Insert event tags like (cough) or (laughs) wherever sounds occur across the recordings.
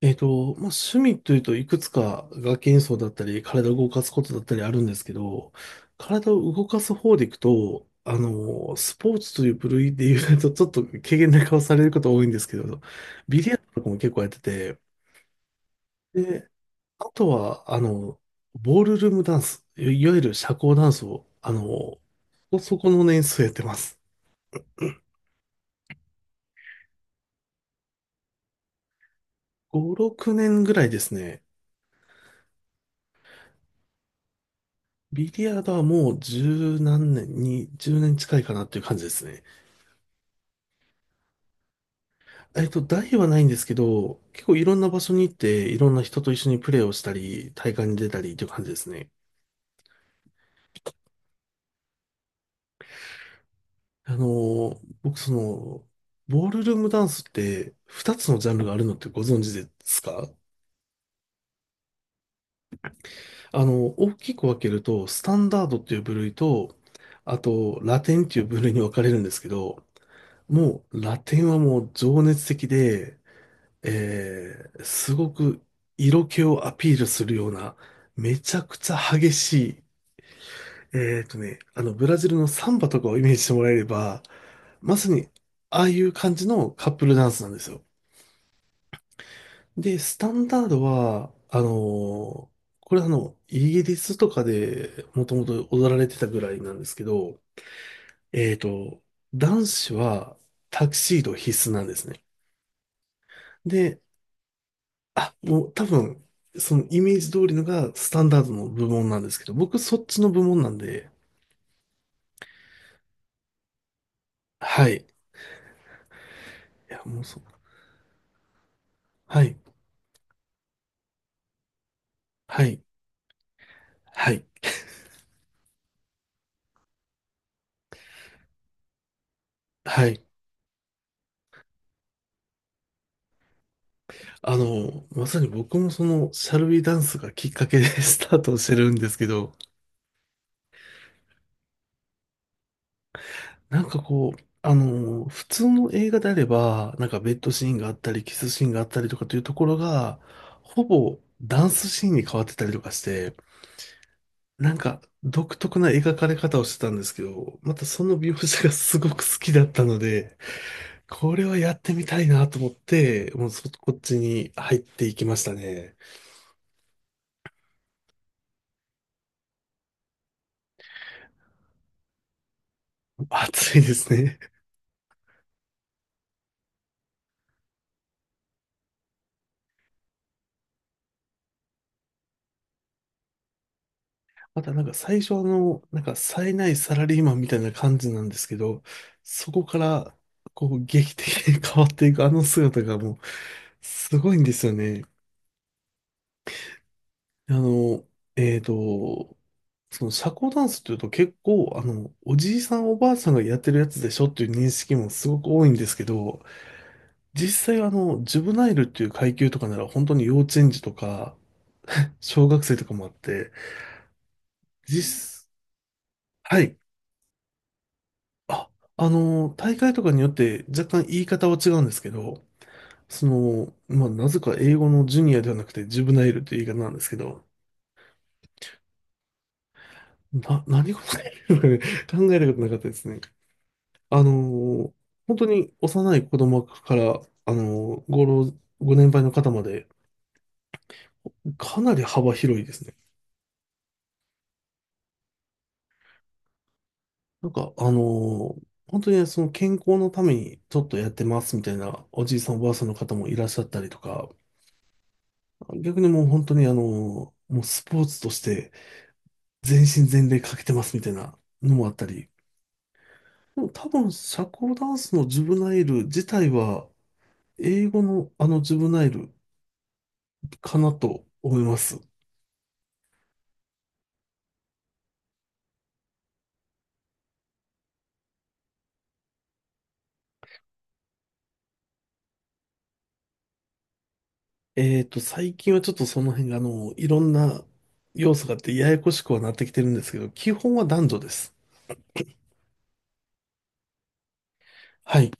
まあ、趣味というといくつか楽器演奏だったり、体を動かすことだったりあるんですけど、体を動かす方でいくと、スポーツという部類で言うと、ちょっと軽減な顔されること多いんですけど、ビリヤードとかも結構やってて、で、あとは、ボールルームダンス、いいわゆる社交ダンスを、そこの年数やってます。5、6年ぐらいですね。ビリヤードはもう十何年に、10年近いかなっていう感じですね。大はないんですけど、結構いろんな場所に行って、いろんな人と一緒にプレーをしたり、大会に出たりという感じですね。僕その、ボールルームダンスって2つのジャンルがあるのってご存知ですか？大きく分けると、スタンダードっていう部類と、あと、ラテンっていう部類に分かれるんですけど、もう、ラテンはもう情熱的で、すごく色気をアピールするような、めちゃくちゃ激しい、ブラジルのサンバとかをイメージしてもらえれば、まさに、ああいう感じのカップルダンスなんですよ。で、スタンダードは、これイギリスとかでもともと踊られてたぐらいなんですけど、えーと、男子はタキシード必須なんですね。で、あ、もう多分、そのイメージ通りのがスタンダードの部門なんですけど、僕そっちの部門なんで、はい。いや、もうそう。はい。はい。はい。はい。まさに僕もその、シャルビーダンスがきっかけで (laughs) スタートしてるんですけど、なんかこう、普通の映画であれば、なんかベッドシーンがあったり、キスシーンがあったりとかというところが、ほぼダンスシーンに変わってたりとかして、なんか独特な描かれ方をしてたんですけど、またその描写がすごく好きだったので、これはやってみたいなと思って、もうこっちに入っていきましたね。熱いですね。またなんか最初の、なんか冴えないサラリーマンみたいな感じなんですけど、そこから、こう、劇的に (laughs) 変わっていくあの姿がもう、すごいんですよね。あの、えっと、その社交ダンスっていうと結構、おじいさんおばあさんがやってるやつでしょっていう認識もすごく多いんですけど、実際ジュブナイルっていう階級とかなら本当に幼稚園児とか、小学生とかもあって、実、はい。あ、大会とかによって若干言い方は違うんですけど、その、まあ、なぜか英語のジュニアではなくてジュブナイルという言い方なんですけど、何事かね (laughs) 考えることなかったですね。あの、本当に幼い子供から、あの、ご老、ご年配の方まで、かなり幅広いですね。なんか、本当にその健康のためにちょっとやってますみたいなおじいさんおばあさんの方もいらっしゃったりとか、逆にもう本当にもうスポーツとして全身全霊かけてますみたいなのもあったり、でも多分社交ダンスのジュブナイル自体は英語のあのジュブナイルかなと思います。最近はちょっとその辺がいろんな要素があってややこしくはなってきてるんですけど、基本は男女です。はい。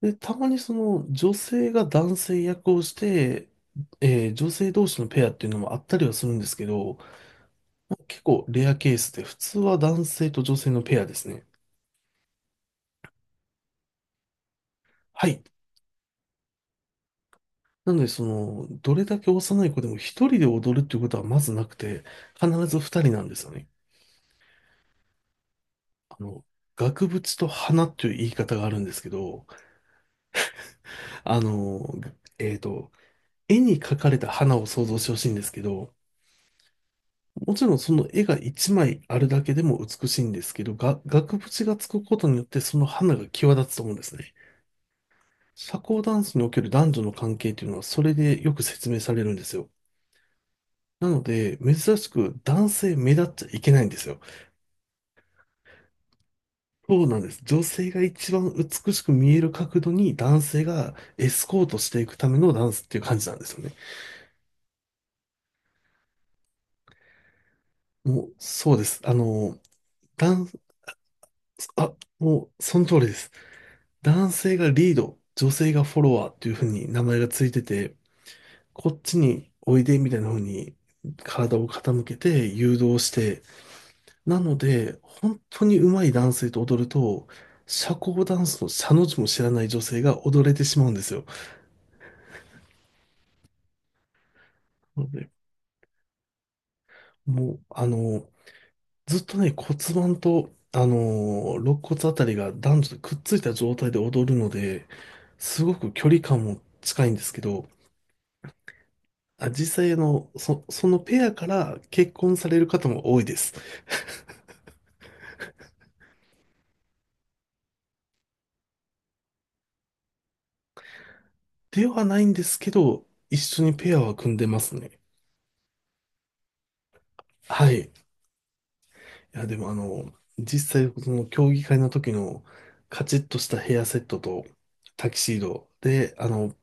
で、たまにその女性が男性役をして、女性同士のペアっていうのもあったりはするんですけど、結構レアケースで、普通は男性と女性のペアですね。はい。なので、その、どれだけ幼い子でも一人で踊るっていうことはまずなくて、必ず二人なんですよね。あの、額縁と花っていう言い方があるんですけど、あの、えっと、絵に描かれた花を想像してほしいんですけど、もちろんその絵が一枚あるだけでも美しいんですけど、が、額縁がつくことによってその花が際立つと思うんですね。社交ダンスにおける男女の関係というのはそれでよく説明されるんですよ。なので、珍しく男性目立っちゃいけないんですよ。そうなんです。女性が一番美しく見える角度に男性がエスコートしていくためのダンスっていう感じなんですよね。もう、そうです。男、あ、もう、その通りです。男性がリード、女性がフォロワーっていう風に名前がついてて、こっちにおいでみたいな風に体を傾けて誘導して、なので、本当に上手い男性と踊ると、社交ダンスの社の字も知らない女性が踊れてしまうんですよ。なので、もう、ずっとね、骨盤と、肋骨あたりが男女とくっついた状態で踊るので、すごく距離感も近いんですけど、あ、実際そのペアから結婚される方も多いです。ではないんですけど、一緒にペアは組んでますね。はい。いや、でも実際、その競技会の時のカチッとしたヘアセットとタキシードで、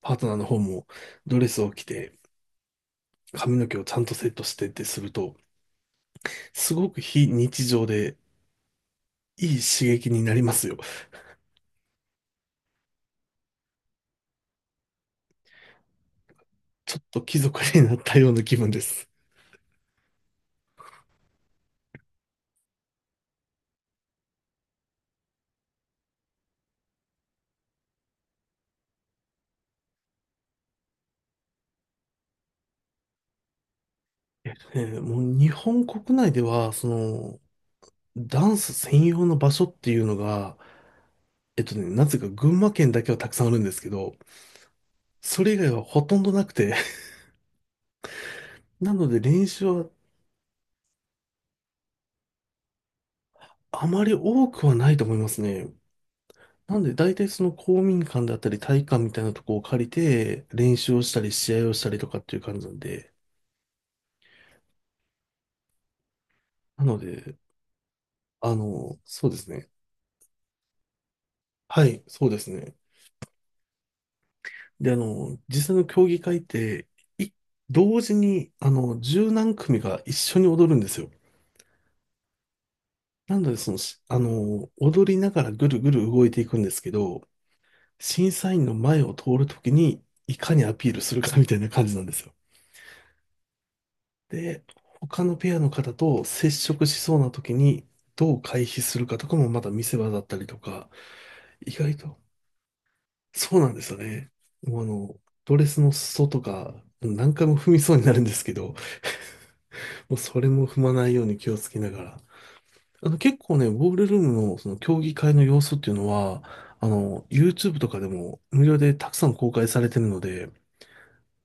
パートナーの方もドレスを着て、髪の毛をちゃんとセットしてってすると、すごく非日常でいい刺激になりますよ。ちょっと貴族になったような気分です。もう日本国内では、その、ダンス専用の場所っていうのが、なぜか群馬県だけはたくさんあるんですけど、それ以外はほとんどなくて、(laughs) なので練習はあまり多くはないと思いますね。なんで、大体その公民館だったり体育館みたいなとこを借りて、練習をしたり、試合をしたりとかっていう感じなんで。なので、そうですね。はい、そうですね。で、実際の競技会って、い同時に、十何組が一緒に踊るんですよ。なので、その、しあの、踊りながらぐるぐる動いていくんですけど、審査員の前を通るときに、いかにアピールするかみたいな感じなんですよ。で、他のペアの方と接触しそうな時にどう回避するかとかもまた見せ場だったりとか、意外と、そうなんですよね。もうドレスの裾とか、何回も踏みそうになるんですけど、もうそれも踏まないように気をつけながら。結構ね、ボールルームのその競技会の様子っていうのは、YouTube とかでも無料でたくさん公開されてるので、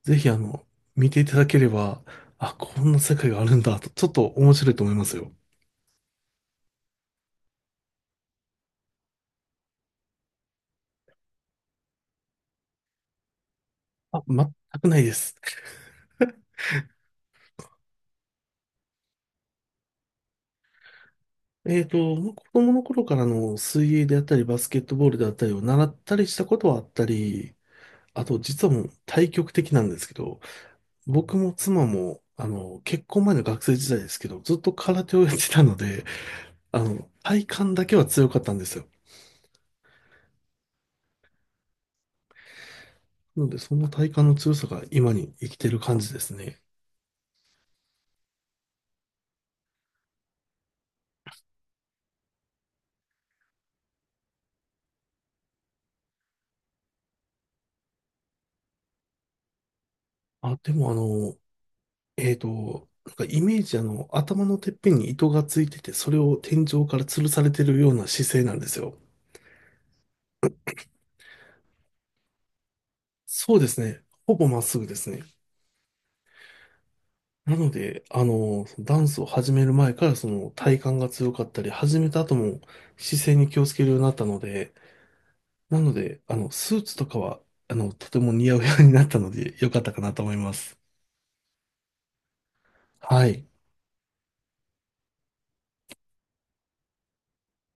ぜひ見ていただければ、あ、こんな世界があるんだと、ちょっと面白いと思いますよ。あ、全くないです。まあ子供の頃からの水泳であったり、バスケットボールであったりを習ったりしたことはあったり、あと実はもう対極的なんですけど、僕も妻も、結婚前の学生時代ですけど、ずっと空手をやってたので、体幹だけは強かったんですよ。なので、その体幹の強さが今に生きてる感じですね。あ、でもなんかイメージ頭のてっぺんに糸がついてて、それを天井から吊るされてるような姿勢なんですよ。そうですね。ほぼまっすぐですね。なので、ダンスを始める前からその体幹が強かったり、始めた後も姿勢に気をつけるようになったので、なので、スーツとかは、とても似合うようになったので、良かったかなと思います。はい。